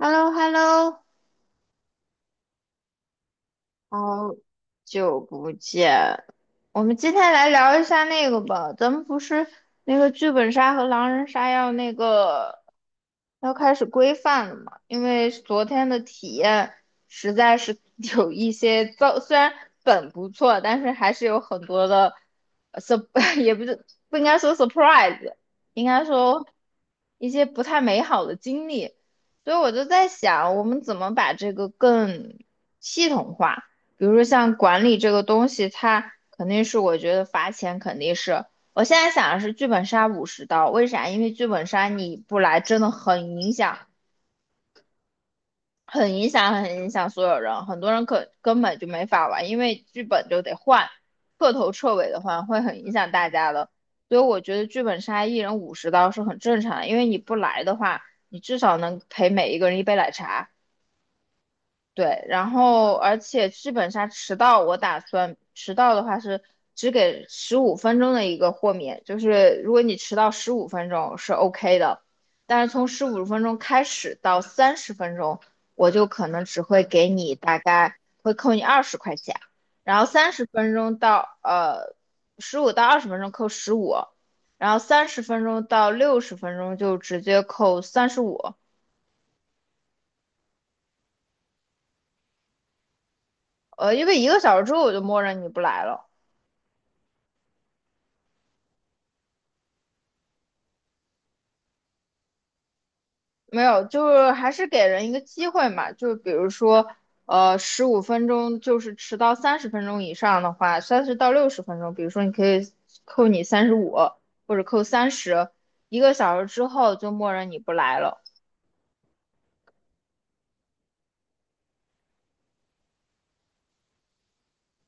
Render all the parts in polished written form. h e l l o h e l l o 好久不见，我们今天来聊一下那个吧。咱们不是那个剧本杀和狼人杀要那个要开始规范了嘛？因为昨天的体验实在是 有一些糟，虽然本不错，但是还是有很多的 sur 也不是不应该说 surprise，应该说一些不太美好的经历。所以我就在想，我们怎么把这个更系统化？比如说像管理这个东西，它肯定是我觉得罚钱肯定是。我现在想的是剧本杀五十刀，为啥？因为剧本杀你不来真的很影响，很影响，很影响所有人。很多人可根本就没法玩，因为剧本就得换，彻头彻尾的换，会很影响大家的。所以我觉得剧本杀一人五十刀是很正常的，因为你不来的话，你至少能陪每一个人一杯奶茶。对，然后而且基本上迟到，我打算迟到的话是只给十五分钟的一个豁免，就是如果你迟到十五分钟是 OK 的，但是从十五分钟开始到三十分钟，我就可能只会给你大概会扣你20块钱，然后三十分钟到15到20分钟扣十五，然后三十分钟到六十分钟就直接扣三十五，因为一个小时之后我就默认你不来了。没有，就是还是给人一个机会嘛，就比如说，十五分钟，就是迟到三十分钟以上的话，三十到六十分钟，比如说你可以扣你三十五或者扣三十，一个小时之后就默认你不来了。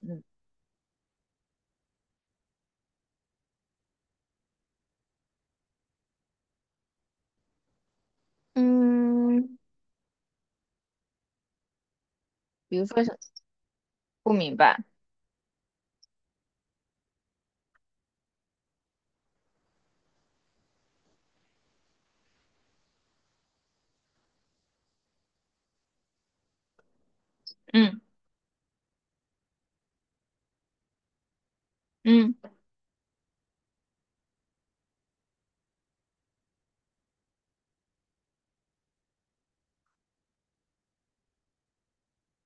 嗯嗯，比如说是不明白，嗯嗯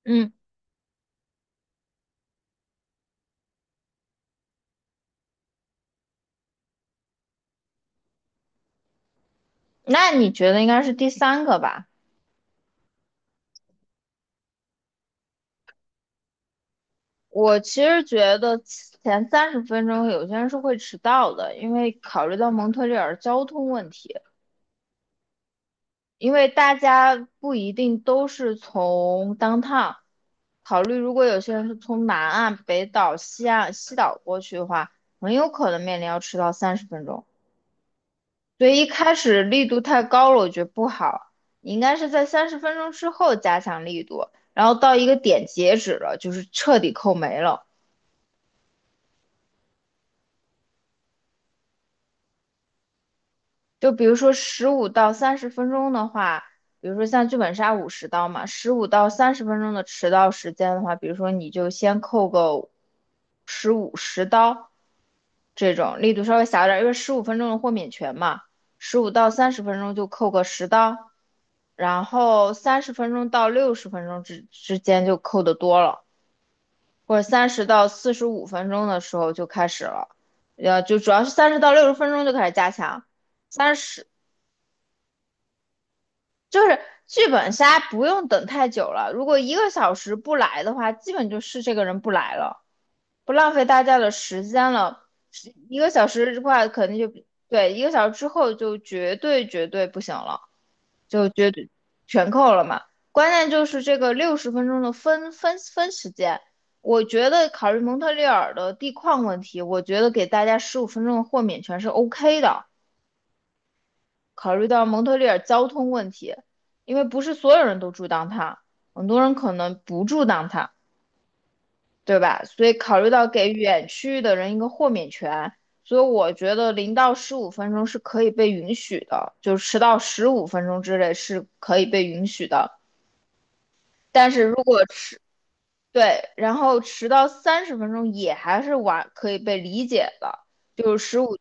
嗯，那你觉得应该是第三个吧？我其实觉得前三十分钟有些人是会迟到的，因为考虑到蒙特利尔交通问题。因为大家不一定都是从 downtown 考虑，如果有些人是从南岸、北岛、西岸、西岛过去的话，很有可能面临要迟到三十分钟。所以一开始力度太高了，我觉得不好。你应该是在三十分钟之后加强力度，然后到一个点截止了，就是彻底扣没了。就比如说十五到三十分钟的话，比如说像剧本杀五十刀嘛，十五到三十分钟的迟到时间的话，比如说你就先扣个十刀，这种力度稍微小一点因为十五分钟的豁免权嘛，十五到三十分钟就扣个十刀，然后三十分钟到六十分钟之间就扣的多了，或者30到45分钟的时候就开始了，就主要是三十到六十分钟就开始加强。三十就是剧本杀不用等太久了，如果一个小时不来的话，基本就是这个人不来了，不浪费大家的时间了。是一个小时的话，肯定就对，一个小时之后就绝对绝对不行了，就绝对全扣了嘛。关键就是这个六十分钟的分时间，我觉得考虑蒙特利尔的地况问题，我觉得给大家十五分钟的豁免权是 OK 的。考虑到蒙特利尔交通问题，因为不是所有人都住当 o 很多人可能不住当 o 对吧？所以考虑到给远区域的人一个豁免权，所以我觉得0到15分钟是可以被允许的，就迟到十五分钟之内是可以被允许的。但是如果迟，对，然后迟到三十分钟也还是晚，可以被理解的，就是十五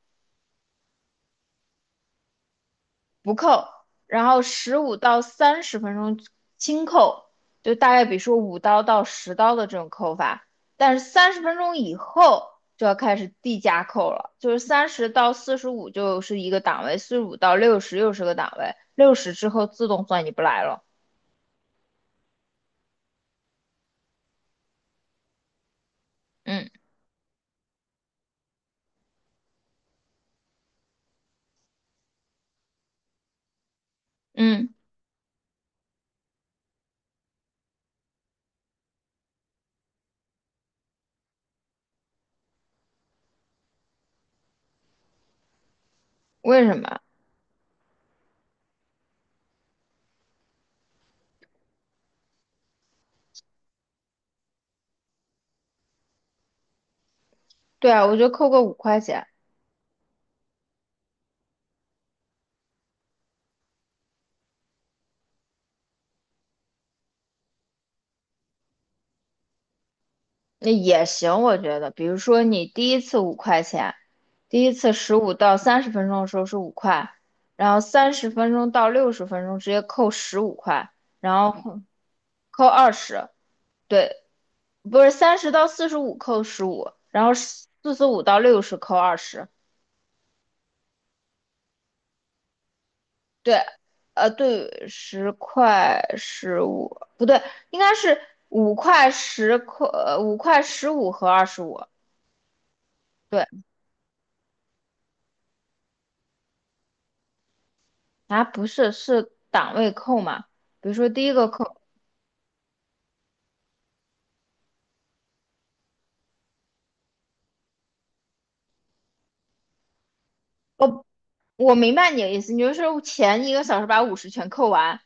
不扣，然后十五到三十分钟轻扣，就大概比如说5刀到10刀的这种扣法，但是三十分钟以后就要开始递加扣了，就是三十到四十五就是一个档位，四十五到六十又是个档位，六十之后自动算你不来了。嗯嗯，为什么？对啊，我就扣个五块钱。那也行，我觉得，比如说你第一次五块钱，第一次十五到三十分钟的时候是五块，然后三十分钟到六十分钟直接扣十五块，然后扣二十，对，不是三十到四十五扣十五，然后四十五到六十扣二十，对，对，十块十五，不对，应该是五块十块，五块十五和二十五。对。啊，不是，是档位扣嘛？比如说第一个扣，哦，我明白你的意思，你就是前一个小时把五十全扣完。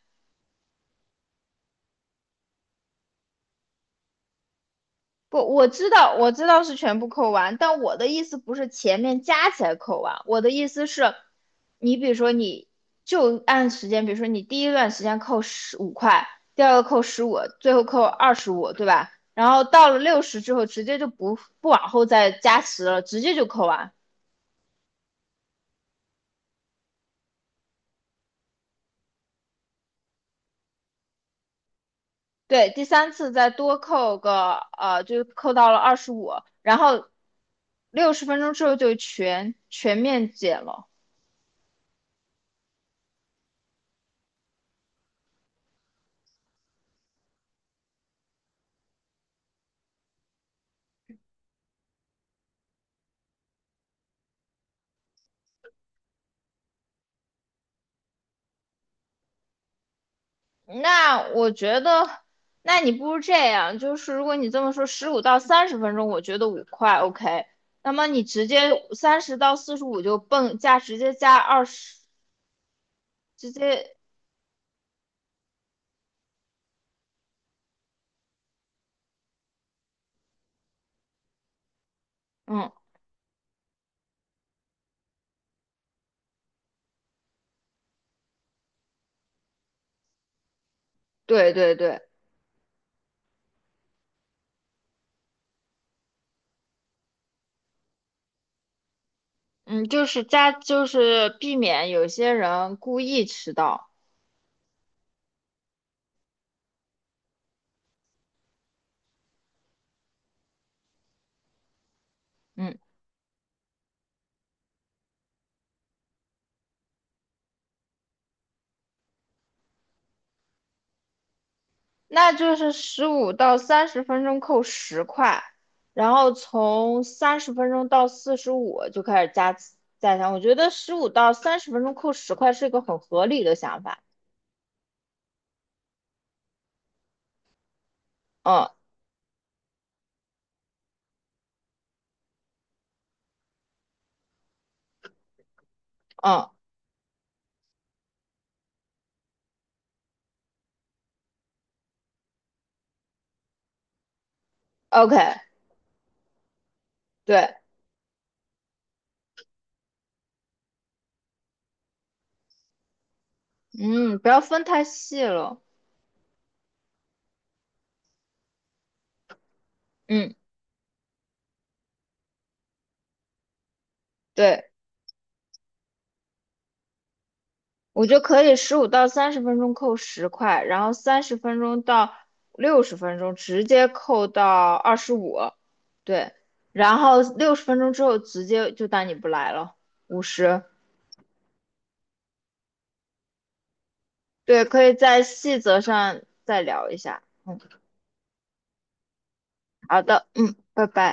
不，我知道，我知道是全部扣完，但我的意思不是前面加起来扣完，我的意思是，你比如说你就按时间，比如说你第一段时间扣十五块，第二个扣十五，最后扣二十五，对吧？然后到了六十之后，直接就不往后再加十了，直接就扣完。对，第三次再多扣个就扣到了二十五，然后六十分钟之后就全面减了。那我觉得，那你不如这样，就是如果你这么说，十五到三十分钟，我觉得五块 OK。那么你直接三十到四十五就蹦加，直接加二十，直接嗯，对对对，嗯，就是加，就是避免有些人故意迟到。嗯。那就是十五到三十分钟扣十块，然后从30分钟到45就开始加强。我觉得十五到三十分钟扣十块是一个很合理的想法。嗯嗯，OK，对，嗯，不要分太细了。嗯，对。我觉得可以十五到三十分钟扣十块，然后三十分钟到六十分钟直接扣到二十五，对，然后六十分钟之后直接就当你不来了，五十，对，可以在细则上再聊一下。嗯，好的，嗯，拜拜。